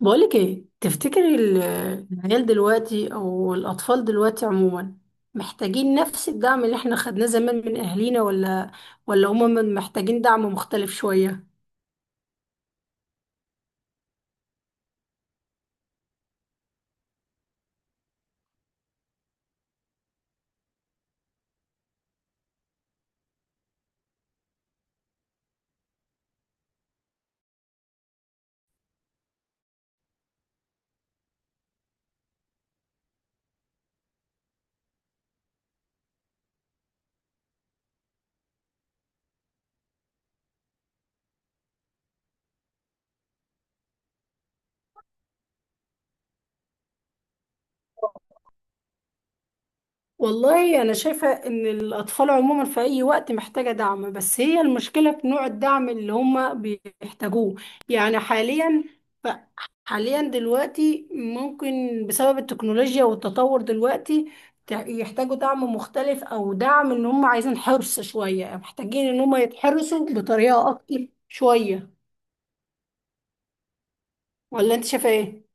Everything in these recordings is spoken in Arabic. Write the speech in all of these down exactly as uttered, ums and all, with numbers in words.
بقولك ايه تفتكري ال- العيال دلوقتي او الاطفال دلوقتي عموما محتاجين نفس الدعم اللي احنا خدناه زمان من اهالينا، ولا ولا هما من- محتاجين دعم مختلف شوية. والله أنا شايفة إن الأطفال عموما في أي وقت محتاجة دعم، بس هي المشكلة في نوع الدعم اللي هما بيحتاجوه، يعني حاليا ف- حاليا دلوقتي ممكن بسبب التكنولوجيا والتطور دلوقتي تع- يحتاجوا دعم مختلف أو دعم إن هما عايزين حرص شوية، محتاجين إن هما يتحرصوا بطريقة أكتر شوية. ولا أنت شايفة إيه؟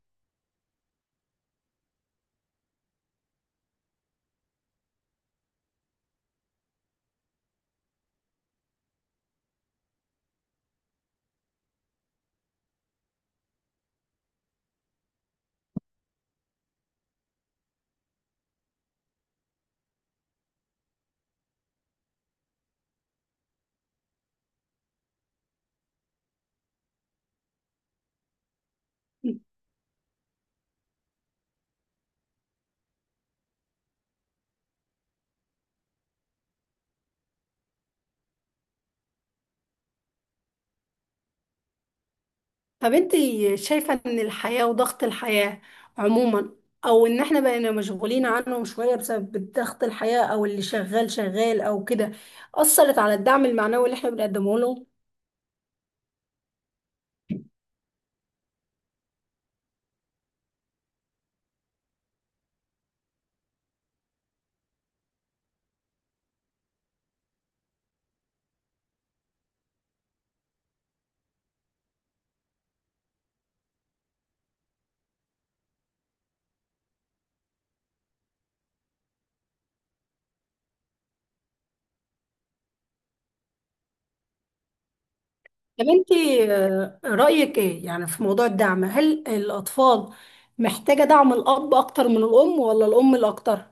طب انت شايفة ان الحياة وضغط الحياة عموما، او ان احنا بقينا مشغولين عنهم شوية بسبب ضغط الحياة، او اللي شغال شغال او كده، اثرت على الدعم المعنوي اللي احنا بنقدمه لهم. طب انت، آه، رأيك ايه يعني في موضوع الدعم؟ هل الاطفال محتاجة دعم الاب اكتر من الام، ولا الام الاكتر؟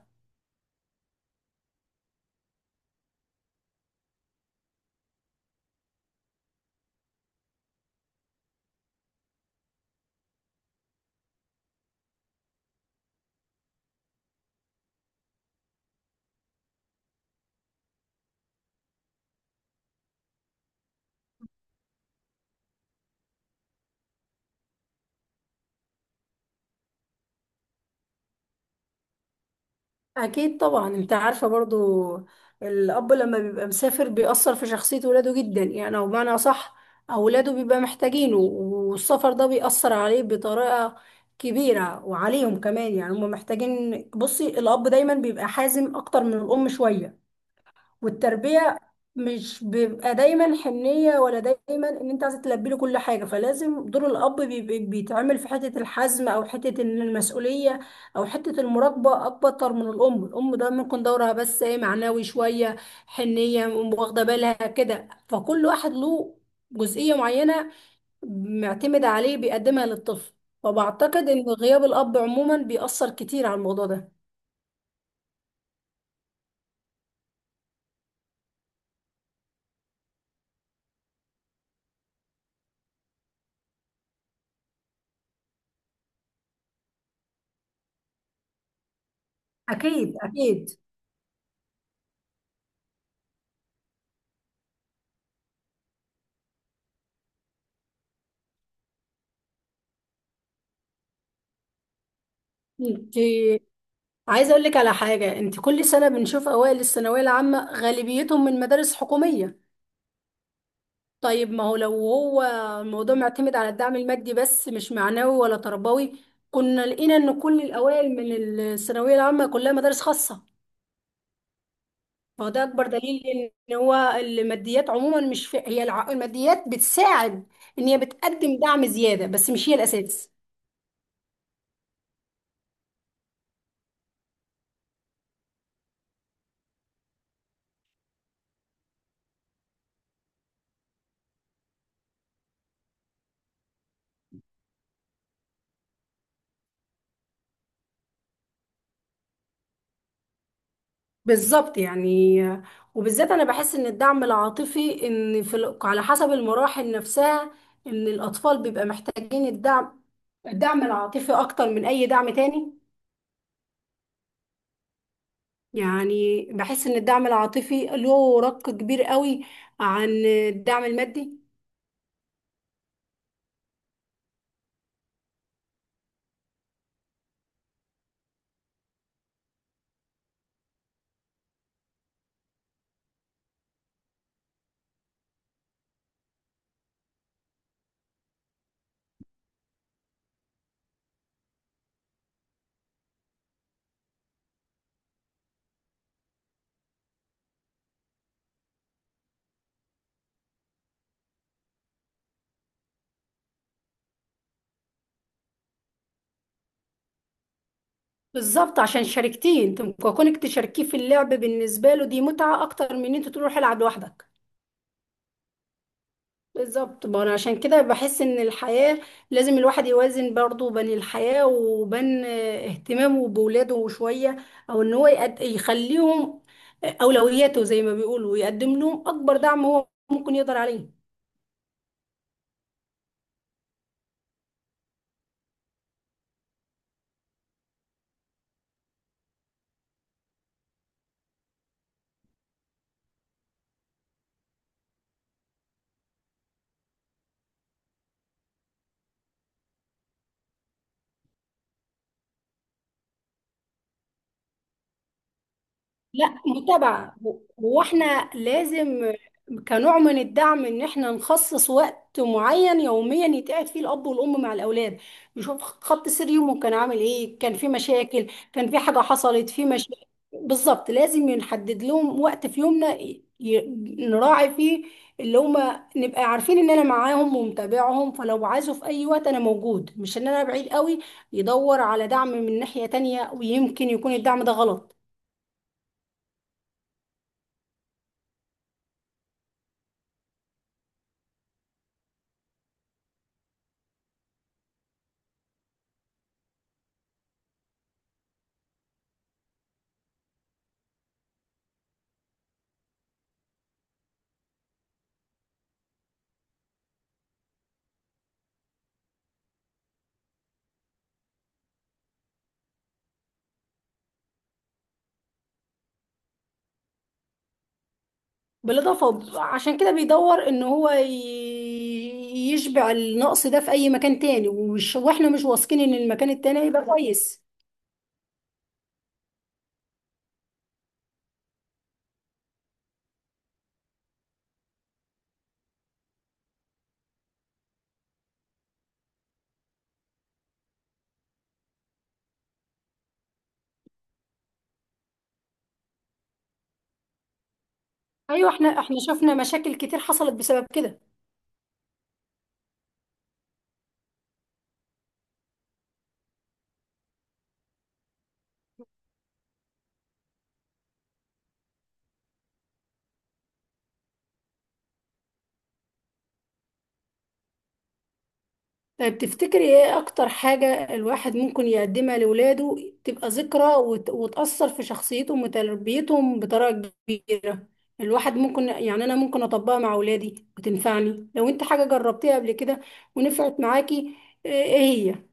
اكيد طبعا. انت عارفه برضو الاب لما بيبقى مسافر بيأثر في شخصيه ولاده جدا، يعني او بمعنى صح اولاده بيبقى محتاجينه، والسفر ده بيأثر عليه بطريقه كبيره، وعليهم كمان يعني هم محتاجين. بصي، الاب دايما بيبقى حازم اكتر من الام شويه والتربية، مش بيبقى دايما حنية ولا دايما ان انت عايزة تلبي له كل حاجة، فلازم دور الاب بيبقى- بيتعمل في حتة الحزم، او حتة ان المسؤولية، او حتة المراقبة اكتر من الام. الام ده ممكن دورها بس ايه؟ معنوي شوية، حنية، واخدة بالها كده. فكل واحد له جزئية معينة معتمد عليه بيقدمها للطفل. فبعتقد ان غياب الاب عموما بيأثر كتير على الموضوع ده. اكيد اكيد. انت عايزه اقول لك على حاجه، انت كل سنه بنشوف اوائل الثانويه العامه غالبيتهم من مدارس حكوميه. طيب، ما هو لو هو الموضوع معتمد على الدعم المادي بس مش معنوي ولا تربوي، كنا لقينا ان كل الاوائل من الثانويه العامه كلها مدارس خاصه. فهو ده اكبر دليل ان هو الماديات عموما مش في، هي الع- الماديات بتساعد ان هي بتقدم دعم زياده، بس مش هي الاساس. بالظبط يعني. وبالذات انا بحس ان الدعم العاطفي، ان في ال- على حسب المراحل نفسها، ان الاطفال بيبقى محتاجين الدعم الدعم العاطفي اكتر من اي دعم تاني. يعني بحس ان الدعم العاطفي له رق كبير قوي عن الدعم المادي. بالظبط، عشان شاركتيه انت. كونك تشاركيه في اللعب بالنسبه له دي متعه اكتر من ان انت تروح العب لوحدك. بالظبط، ما انا عشان كده بحس ان الحياة لازم الواحد يوازن برضه بين الحياة وبين اهتمامه بولاده شوية، او ان هو يقد... يخليهم اولوياته زي ما بيقولوا، ويقدم لهم اكبر دعم هو ممكن يقدر عليه. لا، متابعة. هو احنا لازم كنوع من الدعم ان احنا نخصص وقت معين يوميا يتقعد فيه الاب والام مع الاولاد، يشوف خط سير يومه كان عامل ايه، كان في مشاكل، كان في حاجة حصلت، في مشاكل. بالظبط لازم نحدد لهم وقت في يومنا ي- نراعي فيه اللي هما، نبقى عارفين ان انا معاهم ومتابعهم، فلو عايزه في اي وقت انا موجود مش ان انا بعيد قوي يدور على دعم من ناحية تانية، ويمكن يكون الدعم ده غلط. بالإضافة، وب- عشان كده بيدور إن هو ي- يشبع النقص ده في أي مكان تاني، ومش وإحنا مش واثقين إن المكان التاني هيبقى كويس. أيوة، إحنا إحنا شفنا مشاكل كتير حصلت بسبب كده. طيب تفتكري إيه أكتر حاجة الواحد ممكن يقدمها لولاده تبقى ذكرى وت- وتأثر في شخصيتهم وتربيتهم بطريقة كبيرة؟ الواحد ممكن يعني أنا ممكن أطبقها مع ولادي وتنفعني، لو أنت حاجة جربتيها قبل كده ونفعت معاكي. إيه إيه هي؟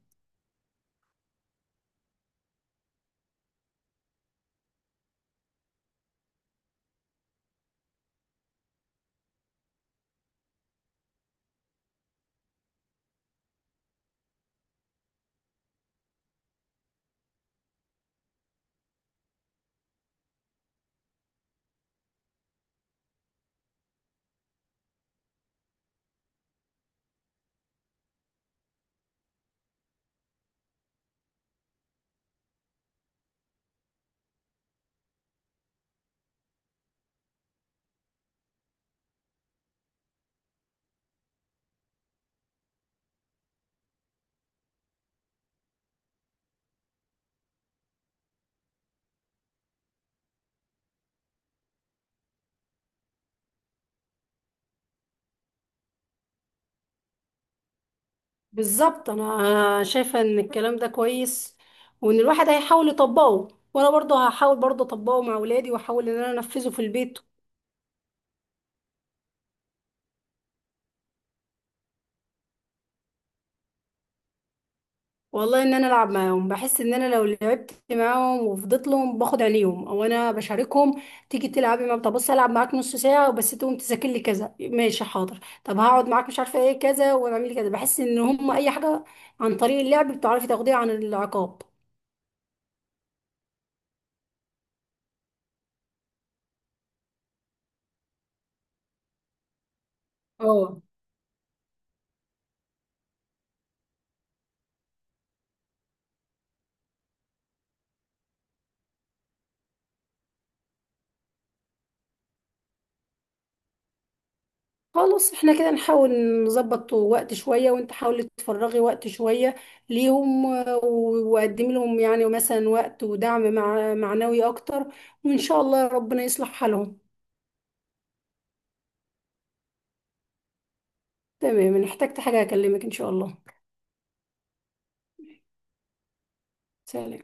بالظبط، انا شايفه ان الكلام ده كويس، وان الواحد هيحاول يطبقه، وانا برضه هحاول برضه اطبقه مع اولادي، واحاول ان انا انفذه في البيت. والله ان انا العب معاهم بحس ان انا لو لعبت معاهم وفضلت لهم، باخد عليهم او انا بشاركهم. تيجي تلعبي معاهم؟ طب بص العب معاك نص ساعه وبس، تقوم تذاكر لي كذا، ماشي حاضر. طب هقعد معاك مش عارفه ايه كذا، واعمل لي كذا. بحس ان هم اي حاجه عن طريق اللعب بتعرفي تاخديها عن العقاب. اه. خلاص، احنا كده نحاول نظبط وقت شوية، وانت حاولي تفرغي وقت شوية ليهم و- وقدمي لهم يعني مثلا وقت ودعم مع معنوي اكتر، وان شاء الله ربنا يصلح حالهم. تمام، ان احتجت حاجة اكلمك ان شاء الله. سلام.